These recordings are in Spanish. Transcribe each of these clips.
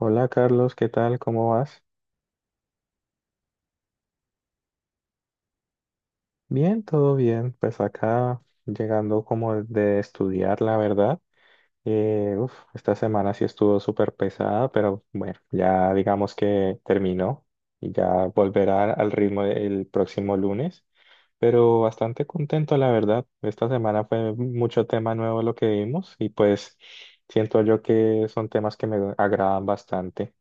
Hola Carlos, ¿qué tal? ¿Cómo vas? Bien, todo bien. Pues acá llegando como de estudiar, la verdad. Uf, esta semana sí estuvo súper pesada, pero bueno, ya digamos que terminó y ya volverá al ritmo el próximo lunes. Pero bastante contento, la verdad. Esta semana fue mucho tema nuevo lo que vimos y pues siento yo que son temas que me agradan bastante.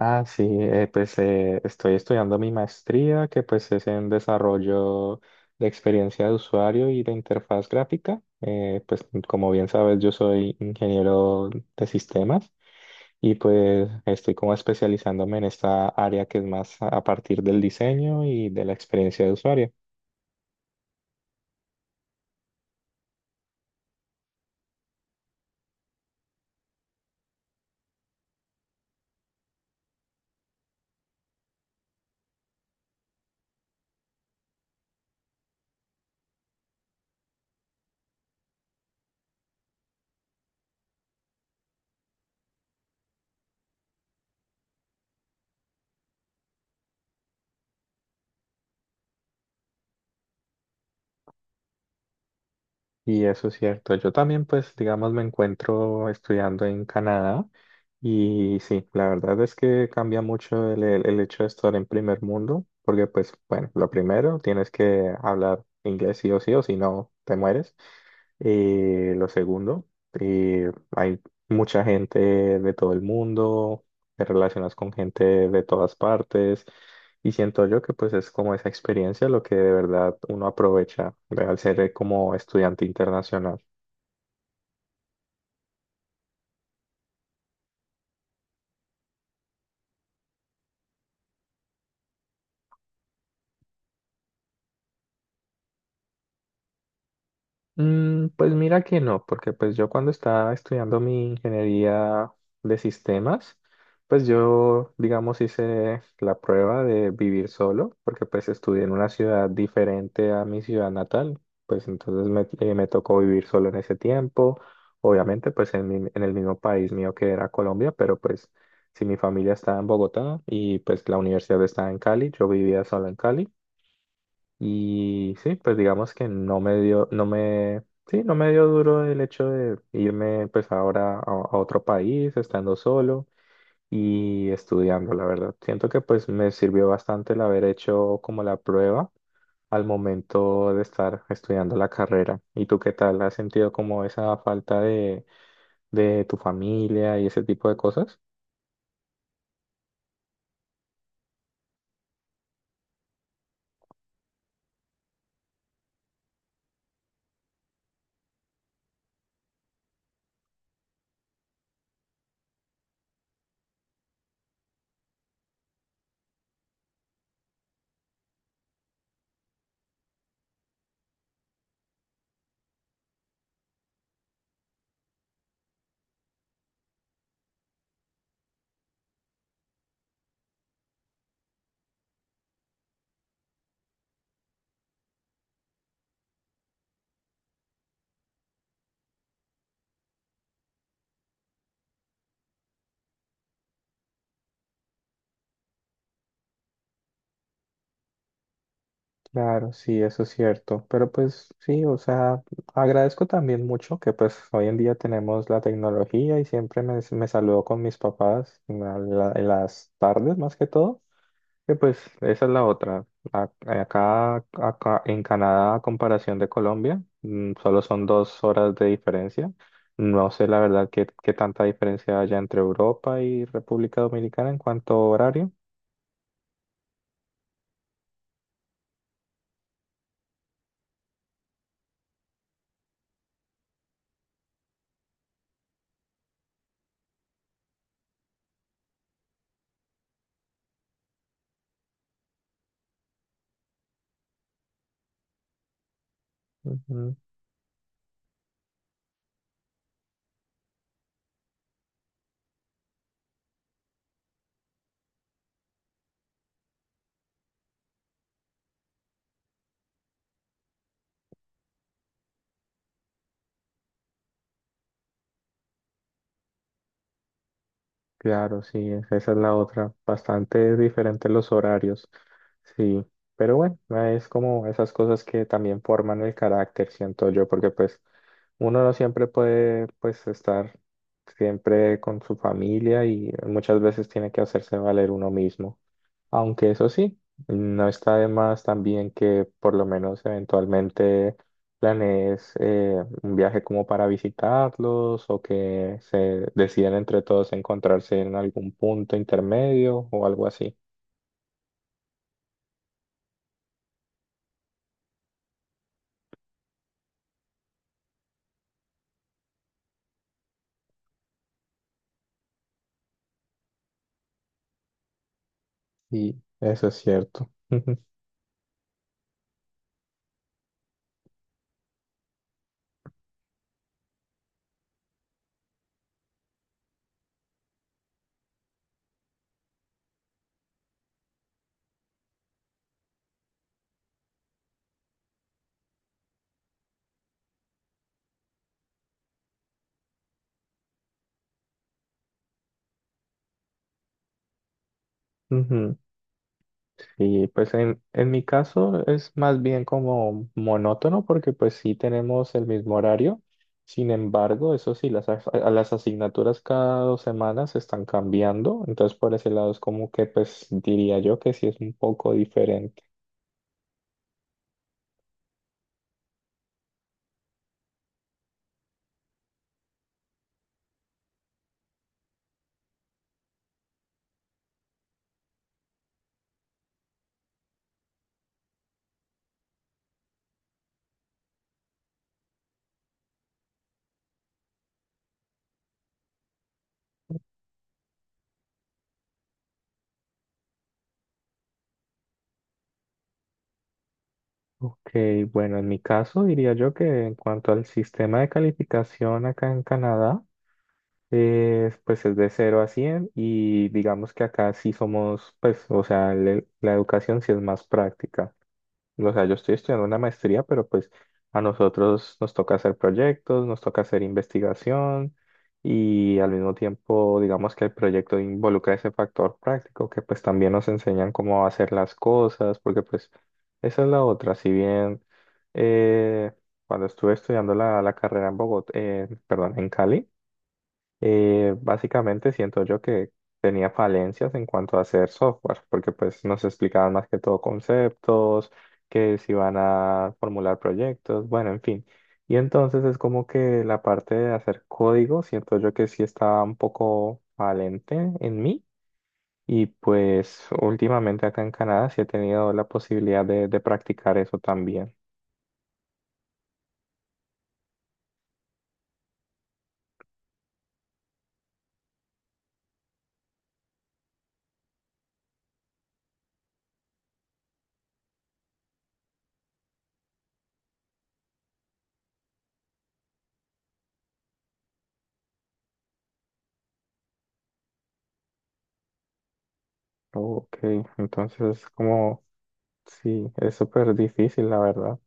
Ah, sí, estoy estudiando mi maestría, que pues es en desarrollo de experiencia de usuario y de interfaz gráfica. Pues como bien sabes, yo soy ingeniero de sistemas y pues estoy como especializándome en esta área que es más a partir del diseño y de la experiencia de usuario. Y eso es cierto. Yo también, pues, digamos, me encuentro estudiando en Canadá y sí, la verdad es que cambia mucho el hecho de estar en primer mundo, porque pues, bueno, lo primero, tienes que hablar inglés sí o sí o si no, te mueres. Lo segundo, hay mucha gente de todo el mundo, te relacionas con gente de todas partes. Y siento yo que pues es como esa experiencia lo que de verdad uno aprovecha, ¿verdad? Al ser como estudiante internacional. Mm, pues mira que no, porque pues yo cuando estaba estudiando mi ingeniería de sistemas, pues yo, digamos, hice la prueba de vivir solo, porque pues estudié en una ciudad diferente a mi ciudad natal, pues entonces me tocó vivir solo en ese tiempo, obviamente pues en, en el mismo país mío que era Colombia, pero pues si mi familia estaba en Bogotá y pues la universidad estaba en Cali, yo vivía solo en Cali. Y sí, pues digamos que no me dio duro el hecho de irme pues ahora a otro país, estando solo y estudiando, la verdad. Siento que pues me sirvió bastante el haber hecho como la prueba al momento de estar estudiando la carrera. ¿Y tú qué tal? ¿Has sentido como esa falta de tu familia y ese tipo de cosas? Claro, sí, eso es cierto. Pero pues sí, o sea, agradezco también mucho que pues hoy en día tenemos la tecnología y siempre me saludo con mis papás en, en las tardes más que todo. Que pues esa es la otra. Acá, acá en Canadá, a comparación de Colombia, mm, solo son 2 horas de diferencia. No sé la verdad qué, qué tanta diferencia haya entre Europa y República Dominicana en cuanto a horario. Ujú. Claro, sí, esa es la otra. Bastante diferentes los horarios, sí. Pero bueno, ah, es como esas cosas que también forman el carácter, siento yo, porque pues uno no siempre puede pues estar siempre con su familia y muchas veces tiene que hacerse valer uno mismo. Aunque eso sí, no está de más también que por lo menos eventualmente planees un viaje como para visitarlos o que se decidan entre todos encontrarse en algún punto intermedio o algo así. Y eso es cierto. Ujú. Y pues en mi caso es más bien como monótono porque pues sí tenemos el mismo horario. Sin embargo, eso sí, las asignaturas cada 2 semanas están cambiando. Entonces por ese lado es como que pues diría yo que sí es un poco diferente. Ok, bueno, en mi caso diría yo que en cuanto al sistema de calificación acá en Canadá, pues es de 0 a 100 y digamos que acá sí somos, pues, o sea, la educación sí es más práctica. O sea, yo estoy estudiando una maestría, pero pues a nosotros nos toca hacer proyectos, nos toca hacer investigación y al mismo tiempo, digamos que el proyecto involucra ese factor práctico, que pues también nos enseñan cómo hacer las cosas, porque pues esa es la otra. Si bien eh, cuando estuve estudiando la carrera en Bogotá, perdón, en Cali, básicamente siento yo que tenía falencias en cuanto a hacer software, porque pues nos explicaban más que todo conceptos, que se iban a formular proyectos, bueno, en fin. Y entonces es como que la parte de hacer código, siento yo que sí estaba un poco valente en mí. Y pues últimamente acá en Canadá sí he tenido la posibilidad de practicar eso también. Ok, entonces como sí, es súper difícil, la verdad.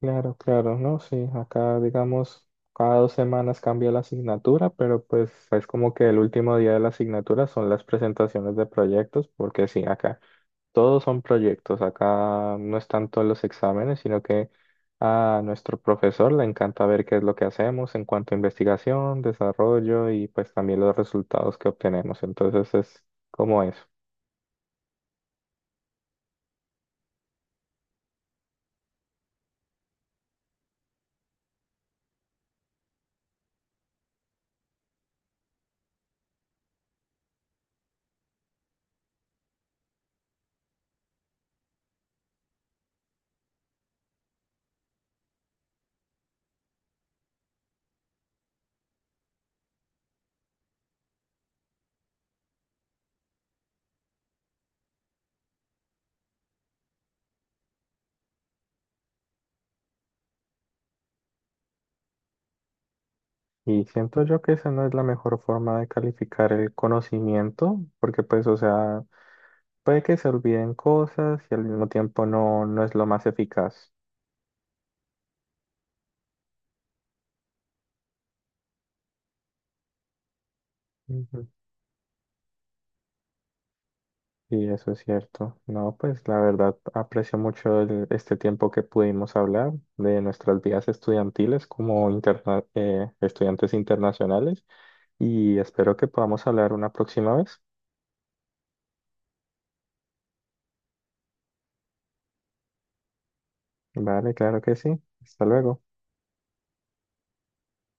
Claro, claro, ¿no? Sí, acá digamos cada 2 semanas cambia la asignatura, pero pues es como que el último día de la asignatura son las presentaciones de proyectos, porque sí, acá todos son proyectos, acá no es tanto los exámenes, sino que a nuestro profesor le encanta ver qué es lo que hacemos en cuanto a investigación, desarrollo y pues también los resultados que obtenemos. Entonces es como eso. Y siento yo que esa no es la mejor forma de calificar el conocimiento, porque pues, o sea... Puede que se olviden cosas y al mismo tiempo no, no es lo más eficaz. Ujú. Y eso es cierto. No, pues la verdad aprecio mucho este tiempo que pudimos hablar de nuestras vidas estudiantiles como estudiantes internacionales y espero que podamos hablar una próxima vez. Vale, claro que sí. Hasta luego.